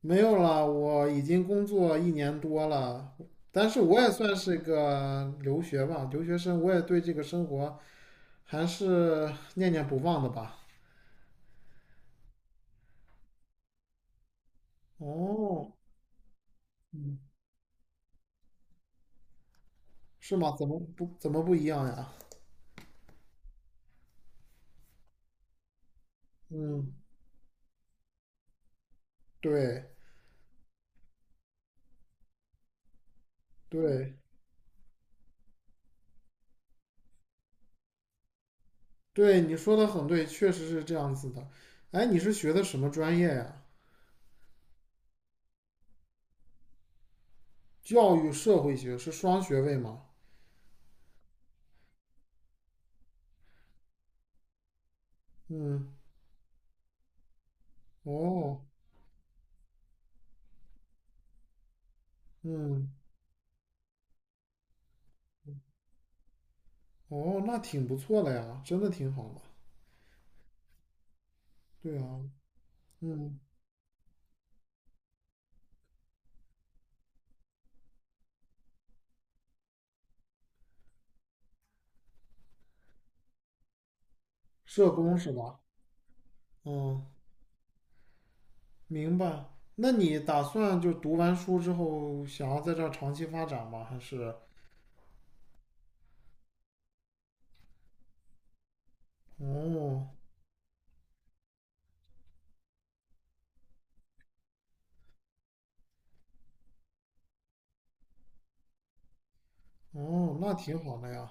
没有了，我已经工作1年多了，但是我也算是个留学吧，留学生，我也对这个生活还是念念不忘的吧。哦，嗯，是吗？怎么不一样呀？嗯，对对对，你说的很对，确实是这样子的。哎，你是学的什么专业呀？教育社会学是双学位吗？嗯，哦，嗯，哦，那挺不错的呀，真的挺好的。对啊，嗯，社工是吧？嗯，明白。那你打算就读完书之后，想要在这儿长期发展吗？还是？哦，哦，那挺好的呀。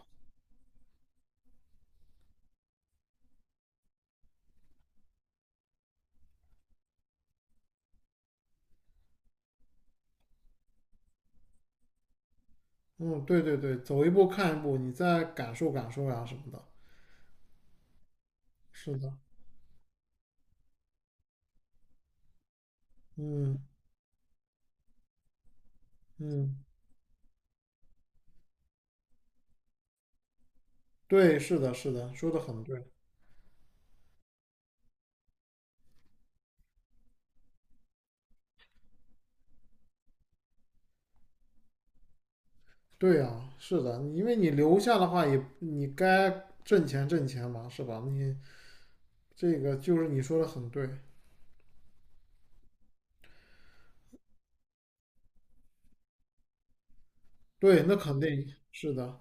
嗯，对对对，走一步看一步，你再感受感受呀什么的。是的，嗯嗯，对，是的，是的，说的很对。对呀，是的，因为你留下的话也，你该挣钱挣钱嘛，是吧？你这个就是你说的很对，对，那肯定是的，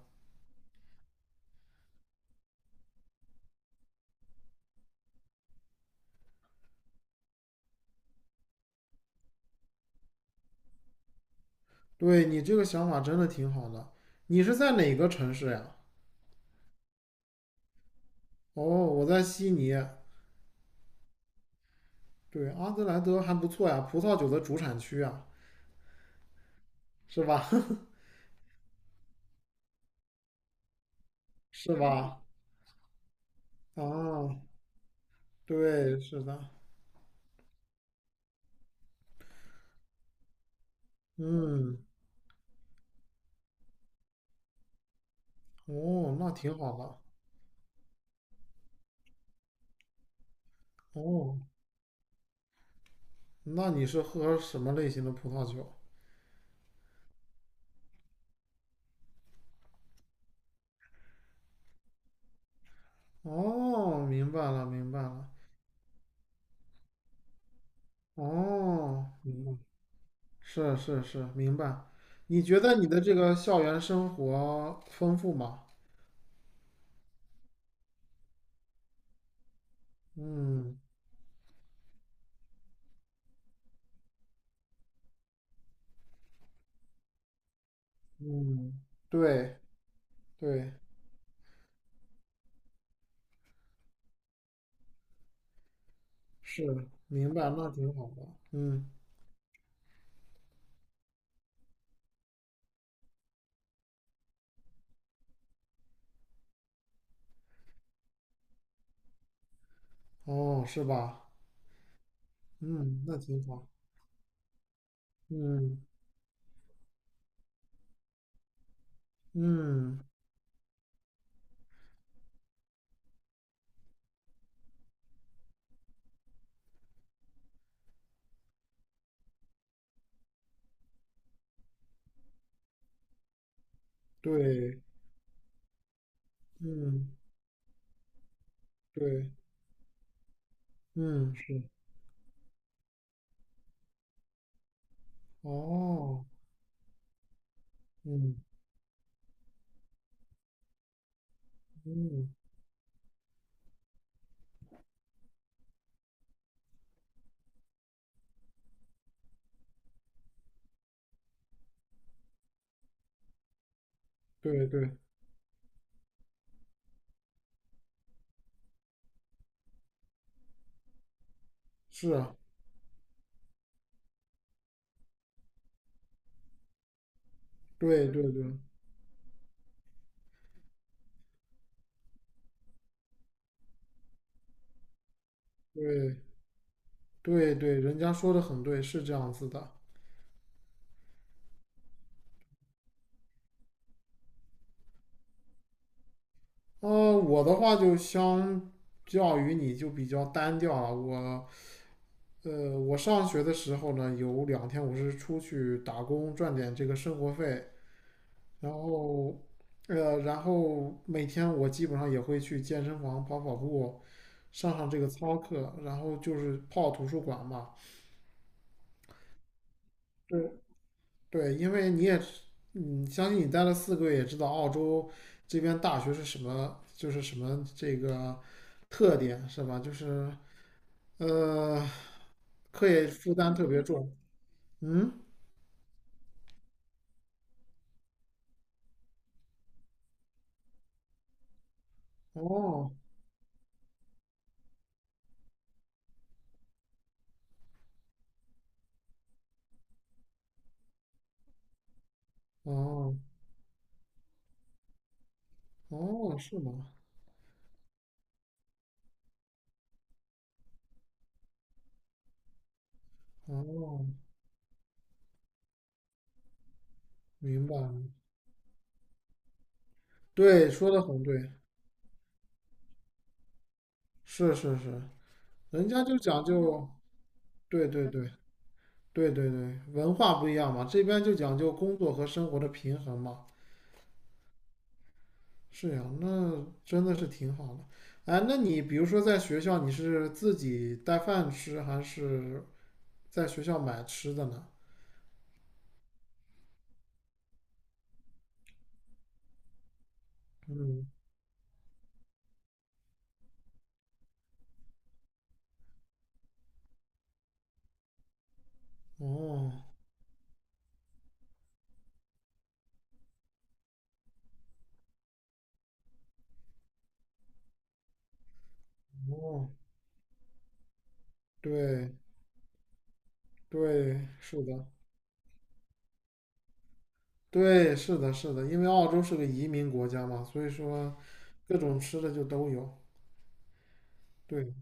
对你这个想法真的挺好的。你是在哪个城市呀？哦，我在悉尼。对，阿德莱德还不错呀，葡萄酒的主产区啊，是吧？是吧？啊，对，是的。嗯，哦，那挺好的。哦，那你是喝什么类型的葡萄酒？哦，明白了，明白了。哦，明白，是是是，明白。你觉得你的这个校园生活丰富吗？嗯，嗯，对对，是，明白，那挺好的。嗯，哦，是吧？嗯，那挺好。嗯嗯，对，嗯对，嗯是。哦，嗯嗯，对对，是啊对对对对对对，人家说的很对，是这样子的。我的话就相较于你就比较单调了，我。我上学的时候呢，有2天我是出去打工赚点这个生活费，然后，然后每天我基本上也会去健身房跑跑步，上上这个操课，然后就是泡图书馆嘛。对对，因为你也，嗯，相信你待了4个月，也知道澳洲这边大学是什么，就是什么这个特点是吧？就是呃，课业负担特别重。嗯，哦哦。哦，是吗？哦，明白了。对，说的很对，是是是，人家就讲究，对对对对对对，文化不一样嘛，这边就讲究工作和生活的平衡嘛。是呀，那真的是挺好的。哎，那你比如说在学校，你是自己带饭吃，还是在学校买吃的呢？嗯，哦，对对，是的，对，是的，是的，因为澳洲是个移民国家嘛，所以说各种吃的就都有。对，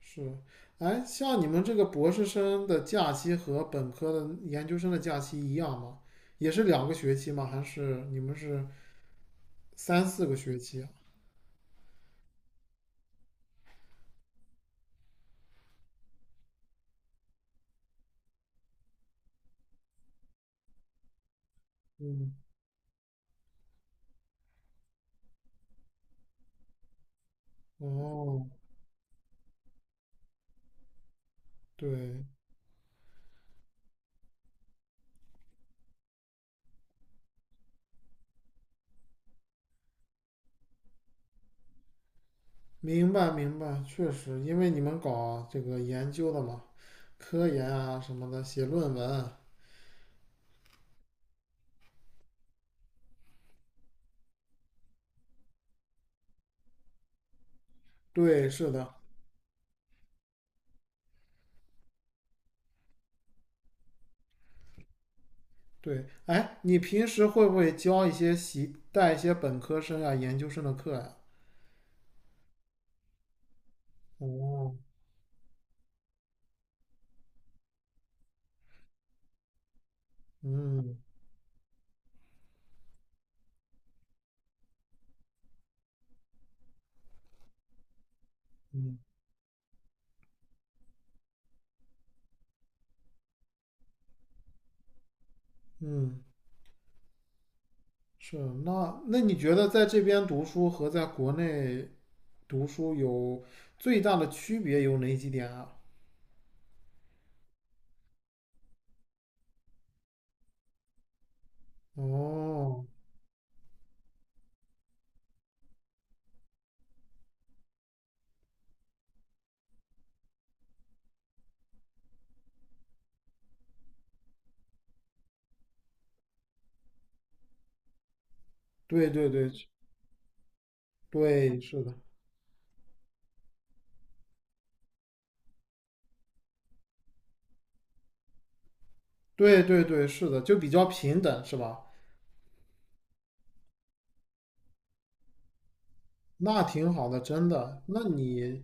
是。哎，像你们这个博士生的假期和本科的研究生的假期一样吗？也是2个学期吗？还是你们是3、4个学期啊？嗯，哦，对，明白明白，确实，因为你们搞这个研究的嘛，科研啊什么的，写论文啊，对，是的。对，哎，你平时会不会教一些习带一些本科生啊、研究生的课呀、哦，嗯嗯嗯，是。那你觉得在这边读书和在国内读书有最大的区别有哪几点啊？哦，对对对对，是的，对对对，是的，就比较平等，是吧？那挺好的，真的。那你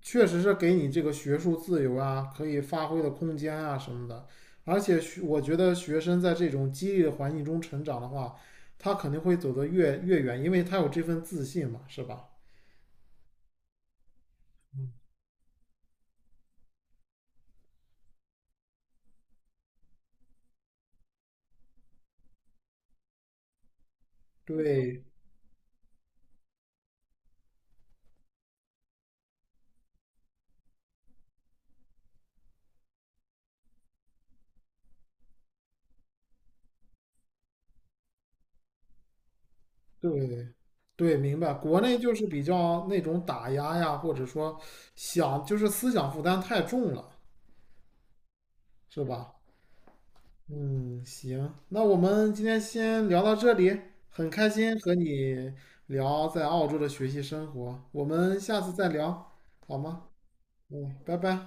确实是给你这个学术自由啊，可以发挥的空间啊什么的。而且我觉得学生在这种激励的环境中成长的话，他肯定会走得越远，因为他有这份自信嘛，是吧？对对对，明白。国内就是比较那种打压呀，或者说想就是思想负担太重了，是吧？嗯，行，那我们今天先聊到这里，很开心和你聊在澳洲的学习生活，我们下次再聊，好吗？嗯，拜拜。